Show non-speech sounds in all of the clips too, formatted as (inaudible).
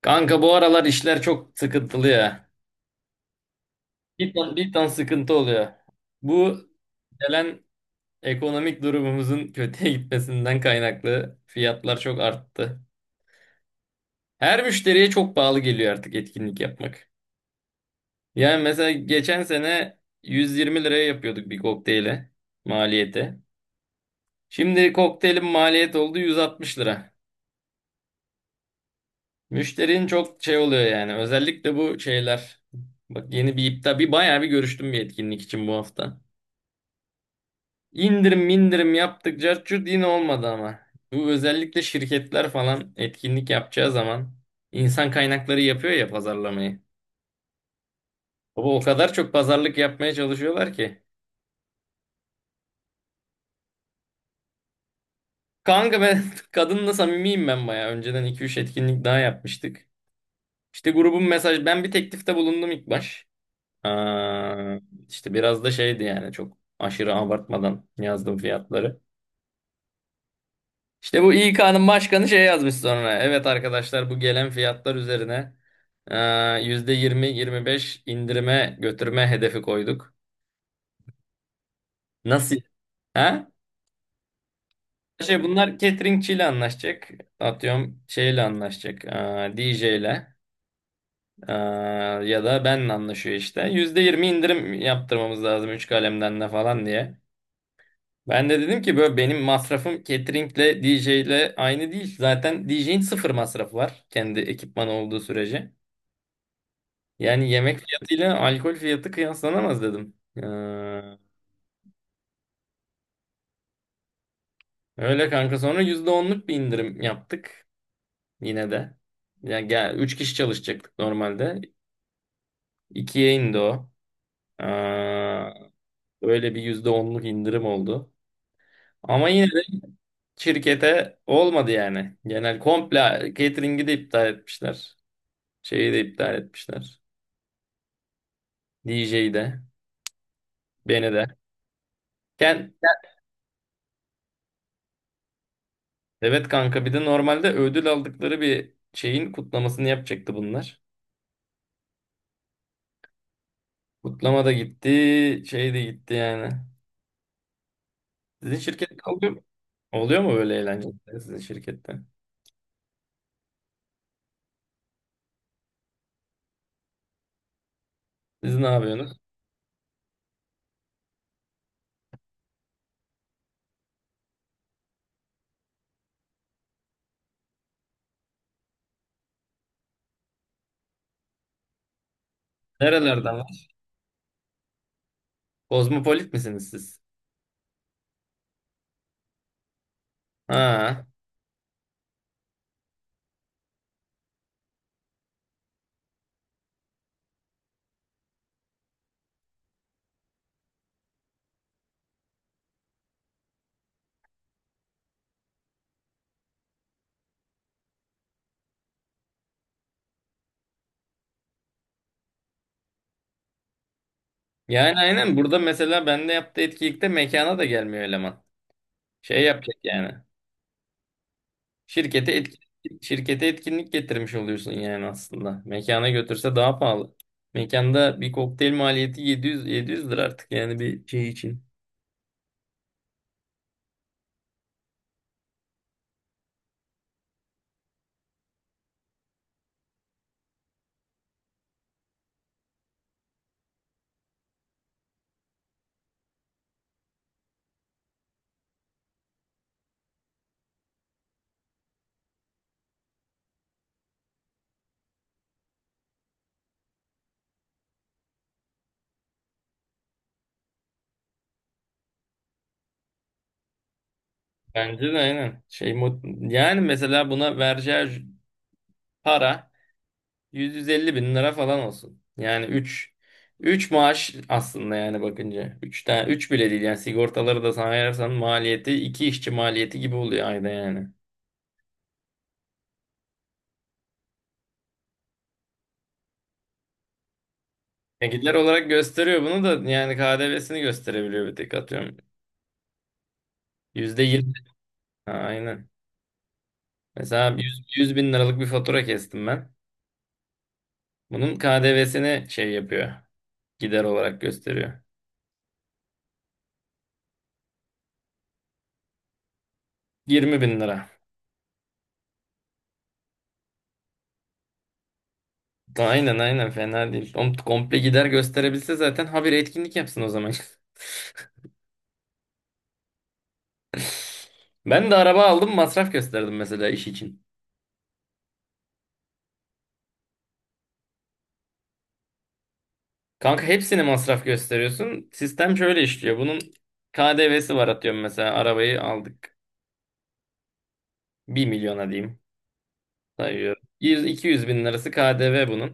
Kanka bu aralar işler çok sıkıntılı ya. Bir tan, bir tan sıkıntı oluyor. Bu gelen ekonomik durumumuzun (laughs) kötüye gitmesinden kaynaklı fiyatlar çok arttı. Her müşteriye çok pahalı geliyor artık etkinlik yapmak. Yani mesela geçen sene 120 liraya yapıyorduk bir kokteyle maliyeti. Şimdi kokteylin maliyeti oldu 160 lira. Müşterinin çok şey oluyor yani. Özellikle bu şeyler. Bak yeni bir iptal, bir bayağı bir görüştüm bir etkinlik için bu hafta. İndirim indirim yaptık cart curt yine olmadı ama. Bu özellikle şirketler falan etkinlik yapacağı zaman insan kaynakları yapıyor ya pazarlamayı. Baba o kadar çok pazarlık yapmaya çalışıyorlar ki. Kanka ben (laughs) kadınla samimiyim ben baya. Önceden iki üç etkinlik daha yapmıştık. İşte grubun mesaj ben bir teklifte bulundum ilk baş. Aa, işte biraz da şeydi yani çok aşırı abartmadan yazdım fiyatları. İşte bu İK'nın başkanı şey yazmış sonra. Evet arkadaşlar bu gelen fiyatlar üzerine eee, %20-25 indirime götürme hedefi koyduk. Nasıl? Ha? Şey bunlar cateringçiyle anlaşacak. Atıyorum şeyle anlaşacak. DJ ile eee, ya da benle anlaşıyor işte. %20 indirim yaptırmamız lazım 3 kalemden de falan diye. Ben de dedim ki böyle benim masrafım cateringle DJ ile aynı değil. Zaten DJ'in sıfır masrafı var. Kendi ekipmanı olduğu sürece. Yani yemek fiyatıyla alkol fiyatı kıyaslanamaz dedim. Öyle kanka sonra %10'luk bir indirim yaptık yine de. Yani 3 kişi çalışacaktık normalde. İkiye indi o. Ee, Öyle bir %10'luk indirim oldu. Ama yine de şirkete olmadı yani. Genel komple catering'i de iptal etmişler. Şeyi de iptal etmişler. DJ'yi de. Beni de. Ken, evet kanka bir de normalde ödül aldıkları bir şeyin kutlamasını yapacaktı bunlar. Kutlama da gitti, şey de gitti yani. Sizin şirkette oluyor mu? Oluyor mu böyle eğlenceler sizin şirkette? Siz ne yapıyorsunuz? Nerelerden var? Kozmopolit misiniz siz? Ha. Yani aynen burada mesela bende yaptığı etkinlikte mekana da gelmiyor eleman. Şey yapacak yani. Şirkete etkinlik, şirkete etkinlik getirmiş oluyorsun yani aslında. Mekana götürse daha pahalı. Mekanda bir kokteyl maliyeti 700 lira artık yani bir şey için. Bence de aynen. Yani mesela buna vergi para 150 bin lira falan olsun. Yani üç maaş aslında yani bakınca. 3 tane 3 bile değil yani sigortaları da sayarsan maliyeti 2 işçi maliyeti gibi oluyor ayda yani. Gider olarak gösteriyor bunu da yani KDV'sini gösterebiliyor bir tek atıyorum. %20. Ha, aynen. Mesela 100 bin liralık bir fatura kestim ben. Bunun KDV'sini şey yapıyor. Gider olarak gösteriyor. 20 bin lira. Aynen aynen fena değil. Oğlum komple gider gösterebilse zaten habire etkinlik yapsın o zaman. (laughs) Ben de araba aldım masraf gösterdim mesela iş için. Kanka hepsini masraf gösteriyorsun. Sistem şöyle işliyor. Bunun KDV'si var atıyorum mesela arabayı aldık. Bir milyona diyeyim sayıyorum. 100-200 bin lirası KDV bunun.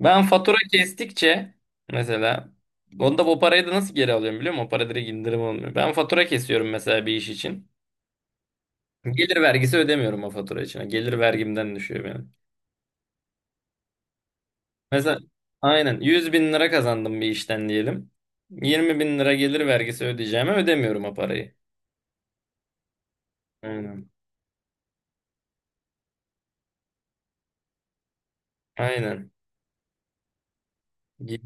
Ben fatura kestikçe mesela onda o parayı da nasıl geri alıyorum biliyor musun? O para direkt indirim olmuyor. Ben fatura kesiyorum mesela bir iş için. Gelir vergisi ödemiyorum o fatura için. Gelir vergimden düşüyor benim. Mesela aynen 100 bin lira kazandım bir işten diyelim. 20 bin lira gelir vergisi ödeyeceğime ödemiyorum o parayı. Aynen. Aynen. Ge-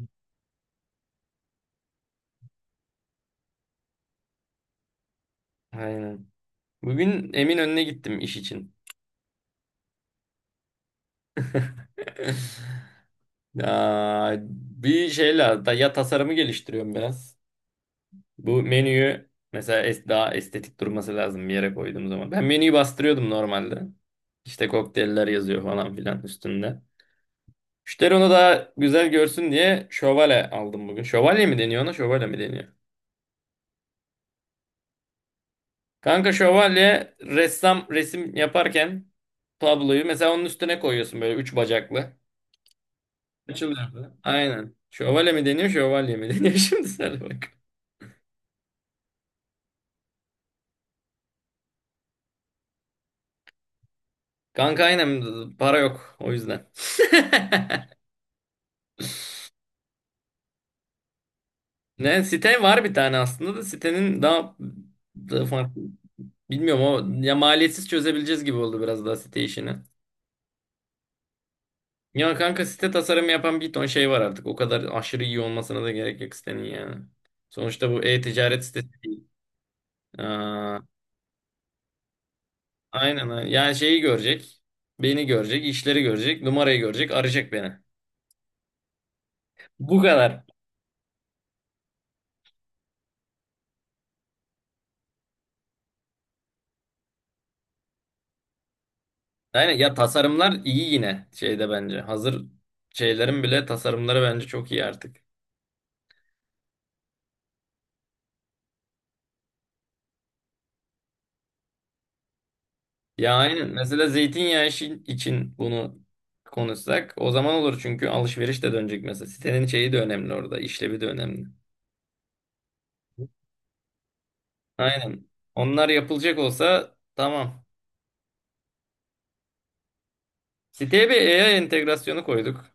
Aynen. Bugün Eminönü'ne gittim iş için. (laughs) Ya, bir şeyle da ya tasarımı geliştiriyorum biraz. Bu menüyü mesela daha estetik durması lazım bir yere koyduğum zaman. Ben menüyü bastırıyordum normalde. İşte kokteyller yazıyor falan filan üstünde. Müşteri onu daha güzel görsün diye şövalye aldım bugün. Şövalye mi deniyor ona? Şövalye mi deniyor? Kanka şövalye ressam resim yaparken tabloyu mesela onun üstüne koyuyorsun böyle üç bacaklı. Açılıyor böyle. Aynen. Şövalye mi deniyor, şövalye mi deniyor? (laughs) Şimdi sen bak. Kanka aynen para yok o yüzden. (laughs) Ne site var bir tane aslında da sitenin daha farklı. Bilmiyorum ama ya maliyetsiz çözebileceğiz gibi oldu biraz daha site işini. Ya kanka site tasarımı yapan bir ton şey var artık. O kadar aşırı iyi olmasına da gerek yok sitenin yani. Sonuçta bu e-ticaret sitesi değil. Aa, aynen aynen. Yani şeyi görecek. Beni görecek, işleri görecek, numarayı görecek, arayacak beni. Bu kadar. Aynen ya tasarımlar iyi yine şeyde bence. Hazır şeylerin bile tasarımları bence çok iyi artık. Ya aynen. Mesela zeytinyağı işi için bunu konuşsak o zaman olur çünkü alışveriş de dönecek mesela. Sitenin şeyi de önemli orada, işlevi de önemli. Aynen. Onlar yapılacak olsa tamam. Siteye bir AI entegrasyonu koyduk.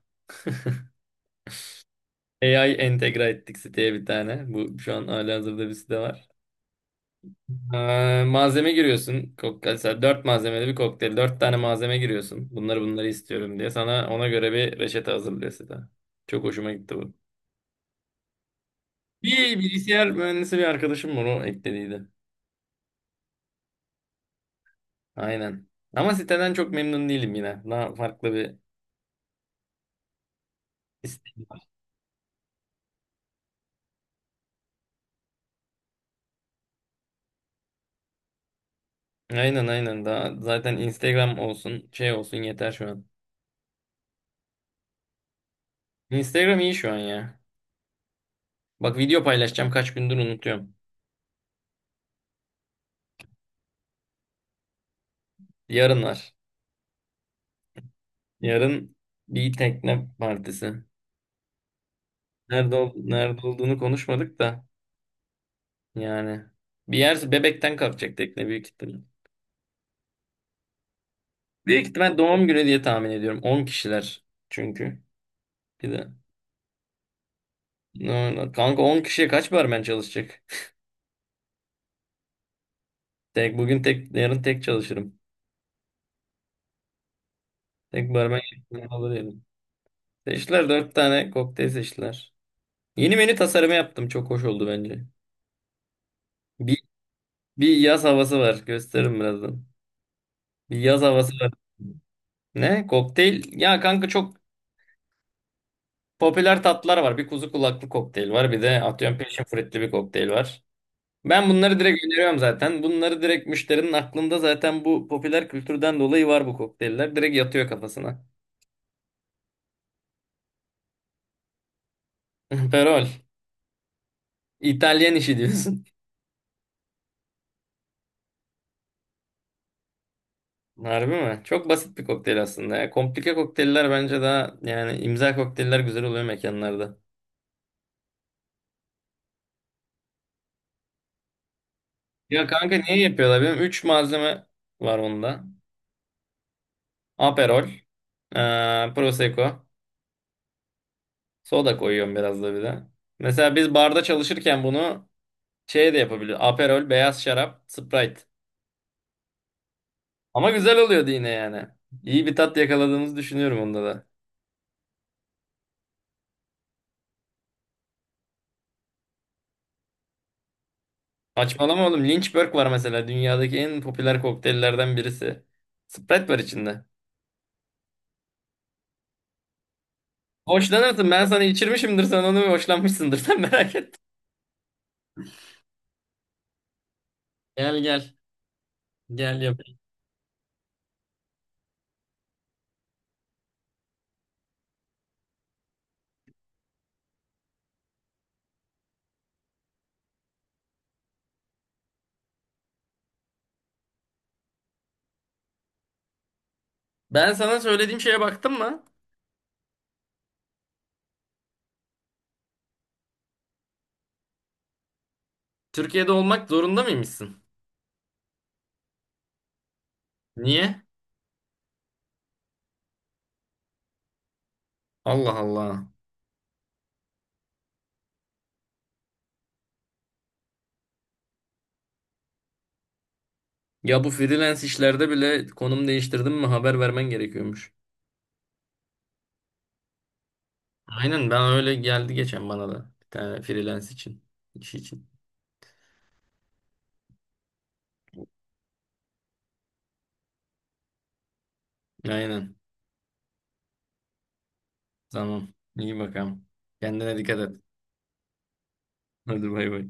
AI entegre ettik siteye bir tane. Bu şu an halihazırda bir site var. Malzeme giriyorsun. Kokteyl, mesela 4 malzemeli bir kokteyl. Dört tane malzeme giriyorsun. Bunları istiyorum diye. Sana ona göre bir reçete hazırlıyor site. Çok hoşuma gitti bu. Bir bilgisayar mühendisi bir arkadaşım var o eklediydi. Aynen. Ama siteden çok memnun değilim yine. Daha farklı bir. Aynen aynen. Daha zaten Instagram olsun, şey olsun yeter şu an. Instagram iyi şu an ya. Bak video paylaşacağım kaç gündür unutuyorum. Yarın var. Yarın bir tekne partisi. Nerede olduğunu konuşmadık da yani. Bir yer Bebek'ten kalkacak tekne büyük ihtimal. Büyük ihtimal doğum günü diye tahmin ediyorum. 10 kişiler çünkü. Bir de. No, kanka 10 kişiye kaç barmen çalışacak? (laughs) Tek bugün tek yarın tek çalışırım. Tek barmen şeklinde olur yani. Dört tane kokteyl seçtiler. Yeni menü tasarımı yaptım. Çok hoş oldu bence. Bir, bir yaz havası var. Gösteririm birazdan. Bir yaz havası var. Ne? Kokteyl. Ya kanka çok popüler tatlılar var. Bir kuzu kulaklı kokteyl var. Bir de atıyorum peşin fruitli bir kokteyl var. Ben bunları direkt öneriyorum zaten. Bunları direkt müşterinin aklında zaten bu popüler kültürden dolayı var bu kokteyller. Direkt yatıyor kafasına. (laughs) Perol. İtalyan işi diyorsun. Harbi mi? Çok basit bir kokteyl aslında ya. Komplike kokteyller bence daha yani imza kokteyller güzel oluyor mekanlarda. Ya kanka niye yapıyorlar? Benim 3 malzeme var onda. Aperol, Prosecco, soda koyuyorum biraz da bir de. Mesela biz barda çalışırken bunu şey de yapabiliyoruz. Aperol, beyaz şarap, Sprite. Ama güzel oluyordu yine yani. İyi bir tat yakaladığımızı düşünüyorum onda da. Saçmalama oğlum. Lynchburg var mesela. Dünyadaki en popüler kokteyllerden birisi. Sprite var içinde. Hoşlanırsın. Ben sana içirmişimdir. Sen onu hoşlanmışsındır. (laughs) Sen merak etme. Gel gel. Gel yap. Ben sana söylediğim şeye baktın mı? Türkiye'de olmak zorunda mıymışsın? Niye? Allah Allah. Ya bu freelance işlerde bile konum değiştirdim mi haber vermen gerekiyormuş. Aynen ben öyle geldi geçen bana da. Bir tane freelance için iş için. Aynen. Tamam. İyi bakalım. Kendine dikkat et. Hadi bay bay.